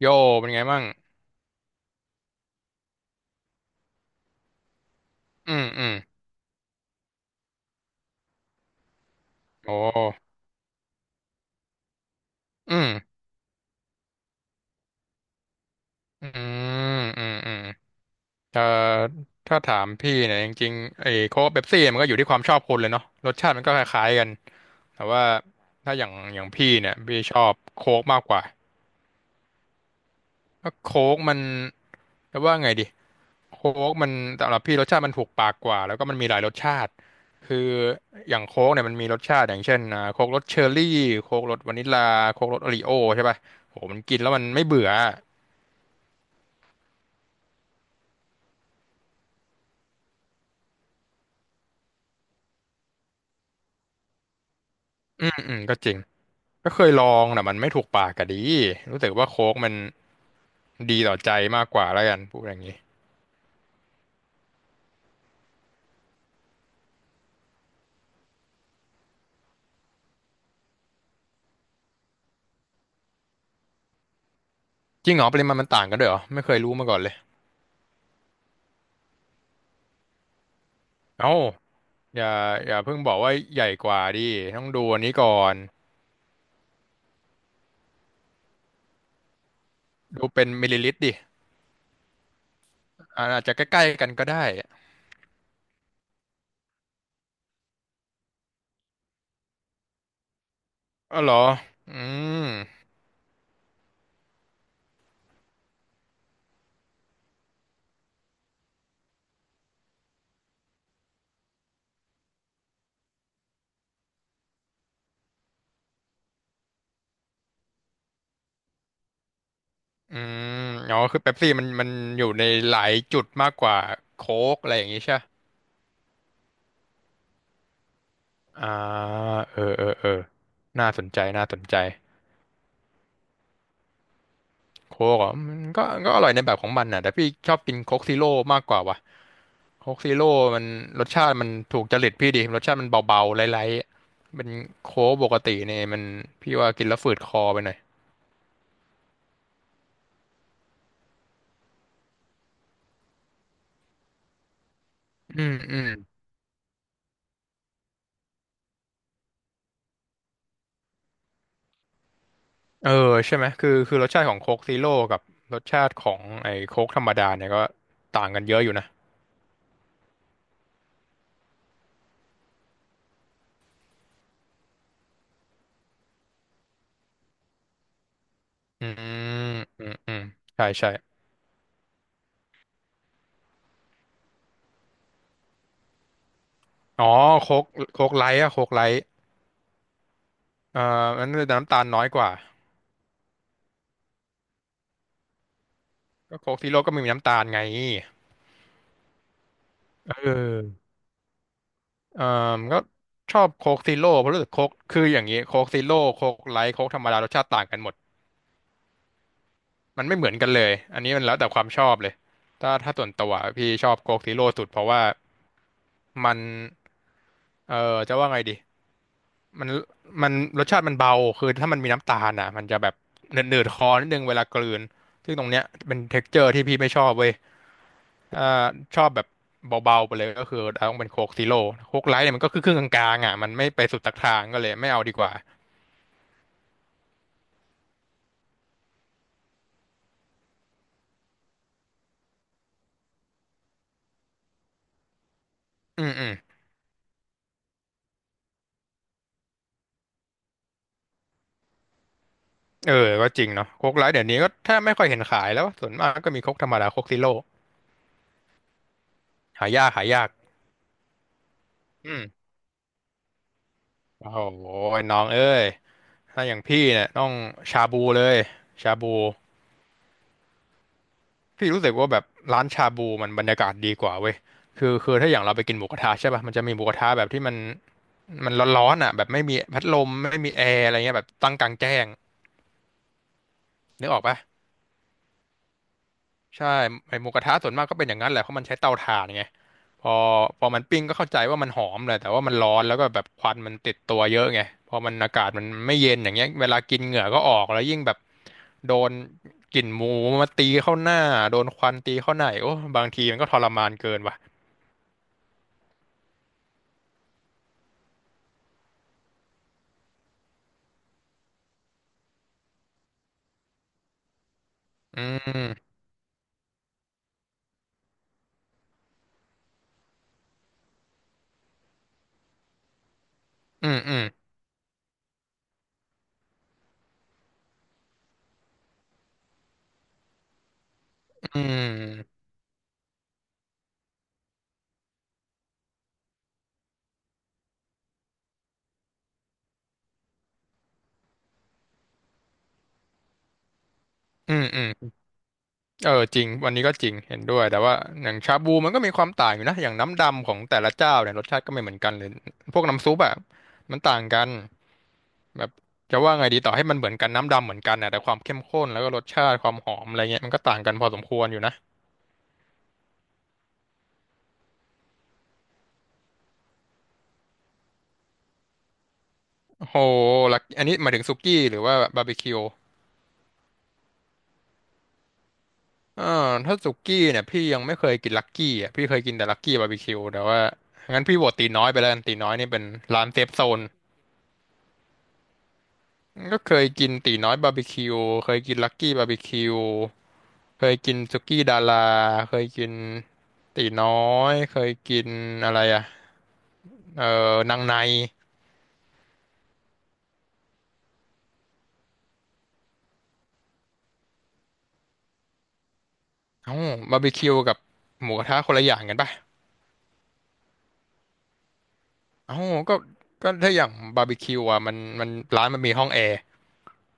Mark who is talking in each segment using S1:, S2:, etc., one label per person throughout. S1: โยเป็นไงบ้างอืมอืมโอ้อืมอืมอืมอืมเอ่อถ้าถามพี่เนี่ยจริงๆไอ้โค้กเป๊ปซี่มันก็อยู่ที่ความชอบคนเลยเนาะรสชาติมันก็คล้ายๆกันแต่ว่าถ้าอย่างพี่เนี่ยพี่ชอบโค้กมากกว่าเพราะโค้กมันจะว่าไงดีโค้กมันสำหรับพี่รสชาติมันถูกปากกว่าแล้วก็มันมีหลายรสชาติคืออย่างโค้กเนี่ยมันมีรสชาติอย่างเช่นโค้กรสเชอร์รี่โค้กรสวานิลลาโค้กรสโอรีโอใช่ป่ะโหมันกินแล้วมันไม่เบื่อ อืมอืมก็จริงก็เคยลองแต่มันไม่ถูกปากกะดีรู้สึกว่าโค้กมันดีต่อใจมากกว่าแล้วกันพูดอย่างนี้จริงเหรอปริมาณมันต่างกันด้วยเหรอไม่เคยรู้มาก่อนเลยเอ้าอย่าอย่าเพิ่งบอกว่าใหญ่กว่าดิต้องดูอันนี้ก่อนดูเป็นมิลลิลิตรดิอาอาจจะใกล้ๆกันก็ได้อ๋อเหรออืมอืมอ๋อคือเป๊ปซี่มันอยู่ในหลายจุดมากกว่าโค้กอะไรอย่างนี้ใช่ปะอ่าเออเออเออน่าสนใจน่าสนใจ โค้กอ่ะมันก็อร่อยในแบบของมันน่ะแต่พี่ชอบกินโค้กซีโร่มากกว่าว่ะโค้กซีโร่มันรสชาติมันถูกจริตพี่ดี รสชาติมันเบาๆไร้ๆเป็นโค้กปกติเนี่ยมันพี่ว่ากินแล้วฝืดคอไปหน่อยอืมอืมเออใช่ไหมคือรสชาติของโค้กซีโร่กับรสชาติของไอ้โค้กธรรมดาเนี่ยก็ต่างกันเยอะอยู่นะอืมอืมอืมใช่ใช่อ๋อโค้กโค้กไลท์อะโค้กไลท์เอ่อมันจะน้ำตาลน้อยกว่าก็โค้กซีโร่ก็ไม่มีน้ำตาลไงเออ เอ่อก็ชอบโค้กซีโร่เพราะรู้สึกโค้กคืออย่างนี้โค้กซีโร่โค้กไลท์โค้กธรรมดารสชาติต่างกันหมดมันไม่เหมือนกันเลยอันนี้มันแล้วแต่ความชอบเลยถ้าส่วนตัวพี่ชอบโค้กซีโร่สุดเพราะว่ามันเอ่อจะว่าไงดีมันมันรสชาติมันเบาคือถ้ามันมีน้ำตาลอ่ะมันจะแบบเหนืดๆคอนิดนึงเวลากลืนซึ่งตรงเนี้ยเป็นเท็กเจอร์ที่พี่ไม่ชอบเว้ยอ่าชอบแบบเบาๆไปเลยก็คือต้องเป็นโค้กซีโร่โค้กไลท์เนี่ยมันก็คือครึ่งกลางๆอ่ะมันไม่ไปสุดตักทางก็เลยไม่เอาดีกว่าอืมอืม เออก็จริงเนาะโค้กไลท์เดี๋ยวนี้ก็แทบไม่ค่อยเห็นขายแล้วส่วนมากก็มีโค้กธรรมดาโค้กซีโร่หายากหายากอืมโอ้โหน้องเอ้ยถ้าอย่างพี่เนี่ยต้องชาบูเลยชาบูพี่รู้สึกว่าแบบร้านชาบูมันบรรยากาศดีกว่าเว้ยคือถ้าอย่างเราไปกินหมูกระทะใช่ป่ะมันจะมีหมูกระทะแบบที่มันมันร้อนๆอ่ะแบบไม่มีพัดลมไม่มีแอร์อะไรเงี้ยแบบตั้งกลางแจ้งนึกออกป่ะใช่ไอหมูกระทะส่วนมากก็เป็นอย่างนั้นแหละเพราะมันใช้เตาถ่านไง พอพอมันปิ้งก็เข้าใจว่ามันหอมแหละแต่ว่ามันร้อนแล้วก็แบบควันมันติดตัวเยอะไงพอมันอากาศมันไม่เย็นอย่างเงี้ยเวลากินเหงื่อก็ออกแล้วยิ่งแบบโดนกลิ่นหมูมาตีเข้าหน้าโดนควันตีเข้าหน้าอีกโอ้บางทีมันก็ทรมานเกินว่ะอืมอืมอืมอืมอืมอืมเออจริงวันนี้ก็จริงเห็นด้วยแต่ว่าอย่างชาบูมันก็มีความต่างอยู่นะอย่างน้ำดำของแต่ละเจ้าเนี่ยรสชาติก็ไม่เหมือนกันเลยพวกน้ำซุปอะมันต่างกัน แบบจะว่าไงดีต่อให้มันเหมือนกันน้ำดำเหมือนกันนะแต่ความเข้มข้นแล้วก็รสชาติความหอมอะไรเงี้ยมันก็ต่างกันพอสมควรอยู่นะโอ้โหลักอันนี้หมายถึงสุกี้หรือว่าบาร์บีคิวอ่าถ้าสุกี้เนี่ยพี่ยังไม่เคยกินลักกี้อ่ะพี่เคยกินแต่ลักกี้บาร์บีคิวแต่ว่างั้นพี่โหวตตีน้อยไปแล้วกันตีน้อยนี่เป็นร้านเซฟโซนก็เคยกินตีน้อยบาร์บีคิวเคยกินลักกี้บาร์บีคิวเคยกินสุกี้ดาราเคยกินตีน้อยเคยกินอะไรอ่ะเออนางใน เอ้าบาร์บีคิวกับหมูกระทะคนละอย่างกันป่ะเอ้าก็ก็ถ้าอย่างบาร์บีคิวอ่ะมันร้านมันมีห้องแอร์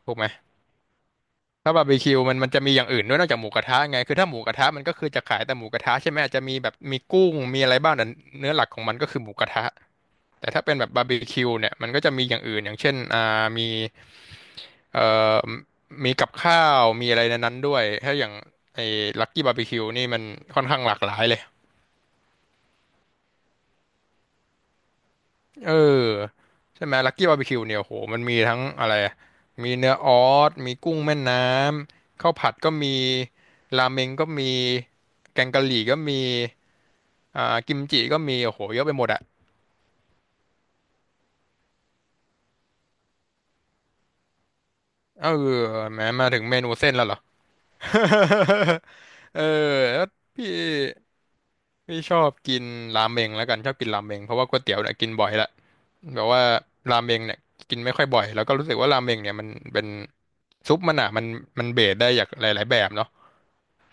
S1: ถูกไหมถ้าบาร์บีคิวมันจะมีอย่างอื่นด้วยนอกจากหมูกระทะไงคือถ้าหมูกระทะมันก็คือจะขายแต่หมูกระทะใช่ไหมอาจจะมีแบบมีกุ้งมีอะไรบ้างแต่เนื้อหลักของมันก็คือหมูกระทะแต่ถ้าเป็นแบบบาร์บีคิวเนี่ยมันก็จะมีอย่างอื่นอย่างเช่นมีเอ่อมีกับข้าวมีอะไรในนั้นด้วยถ้าอย่างไอ้ลักกี้บาร์บีคิวนี่มันค่อนข้างหลากหลายเลย เออใช่ไหมลักกี้บาร์บีคิวเนี่ยโหมันมีทั้งอะไรมีเนื้อออสมีกุ้งแม่น้ำข้าวผัดก็มีราเมงก็มีแกงกะหรี่ก็มีอ่ากิมจิก็มีโอ้โหเยอะไปหมดอะเออแหม้มาถึงเมนูเส้นแล้วเหรอ เออแล้วพี่ พี่ชอบกินราเมงแล้วกันชอบกินราเมงเพราะว่าก๋วยเตี๋ยวเนี่ยกินบ่อยละแบบว่าราเมงเนี่ยกินไม่ค่อยบ่อยแล้วก็รู้สึกว่าราเมงเนี่ยมันเป็นซุปมันอ่ะมันเบสได้อย่างหลายๆแบบเนาะ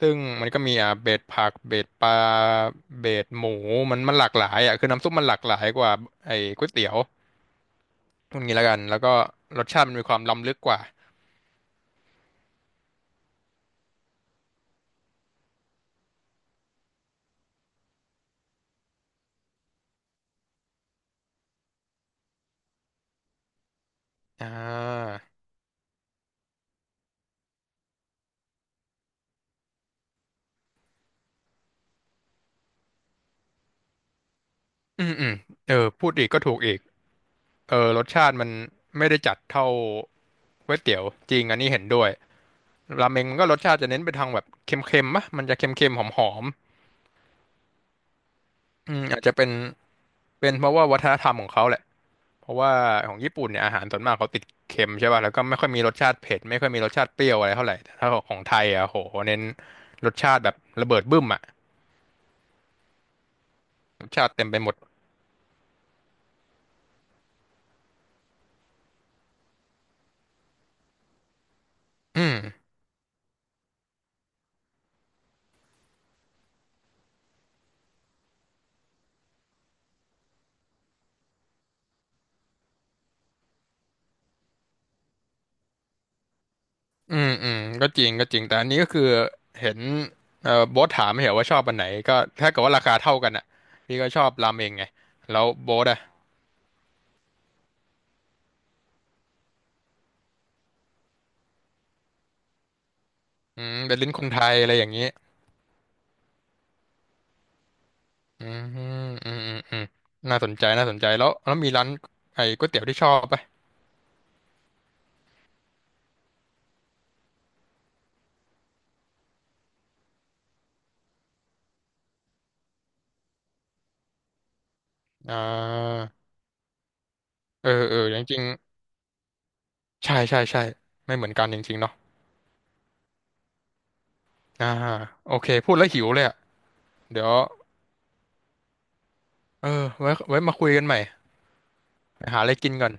S1: ซึ่งมันก็มีอ่ะเบสผักเบสปลาเบสหมูมันหลากหลายอ่ะคือน้ำซุปมันหลากหลายกว่าไอ้ก๋วยเตี๋ยวตรงนี้แล้วกันแล้วก็รสชาติมันมีความล้ำลึกกว่าอ่าอืมอืมเออพูดอีกก็ถูกอีกเออรสชาติมันไม่ได้จัดเท่าก๋วยเตี๋ยวจริงอันนี้เห็นด้วย ราเมงมันก็รสชาติจะเน้นไปทางแบบเค็มๆมะมันจะเค็มๆหอมๆอืมอาจจะเป็นเพราะว่าวัฒนธรรมของเขาแหละเพราะว่าของญี่ปุ่นเนี่ยอาหารส่วนมากเขาติดเค็มใช่ป่ะแล้วก็ไม่ค่อยมีรสชาติเผ็ดไม่ค่อยมีรสชาติเปรี้ยวอะไรเท่าไหร่แต่ถ้าของไทยอ่ะโหเน้นรสชาติแบบระเบิดบึ้มอ่ะรสชาติเต็มไปหมดอืมอืมอืมก็จริงก็จริงแต่อันนี้ก็คือเห็นโบ๊ทถามไม่เหรอว่าชอบอันไหนก็ถ้าเกิดว่าราคาเท่ากันอ่ะพี่ก็ชอบราเมงไงแล้วโบ๊ทอ่ะอืมเป็นลิ้นคนไทยอะไรอย่างนี้ อืมอืมอืมอืมน่าสนใจ น่าสนใจแล้ว แล้วมีร้านไอ้ก๋วยเตี๋ยวที่ชอบปะอ่าเออ เออจริงๆใช่ ใช่ ใช่ ไม่เหมือนกันจริงๆเนาะอ่าโอเค พูดแล้วหิวเลยอ่ะ เดี๋ยว เออ ไว้มาคุยกันใหม่ไปหาอะไรกินก่อน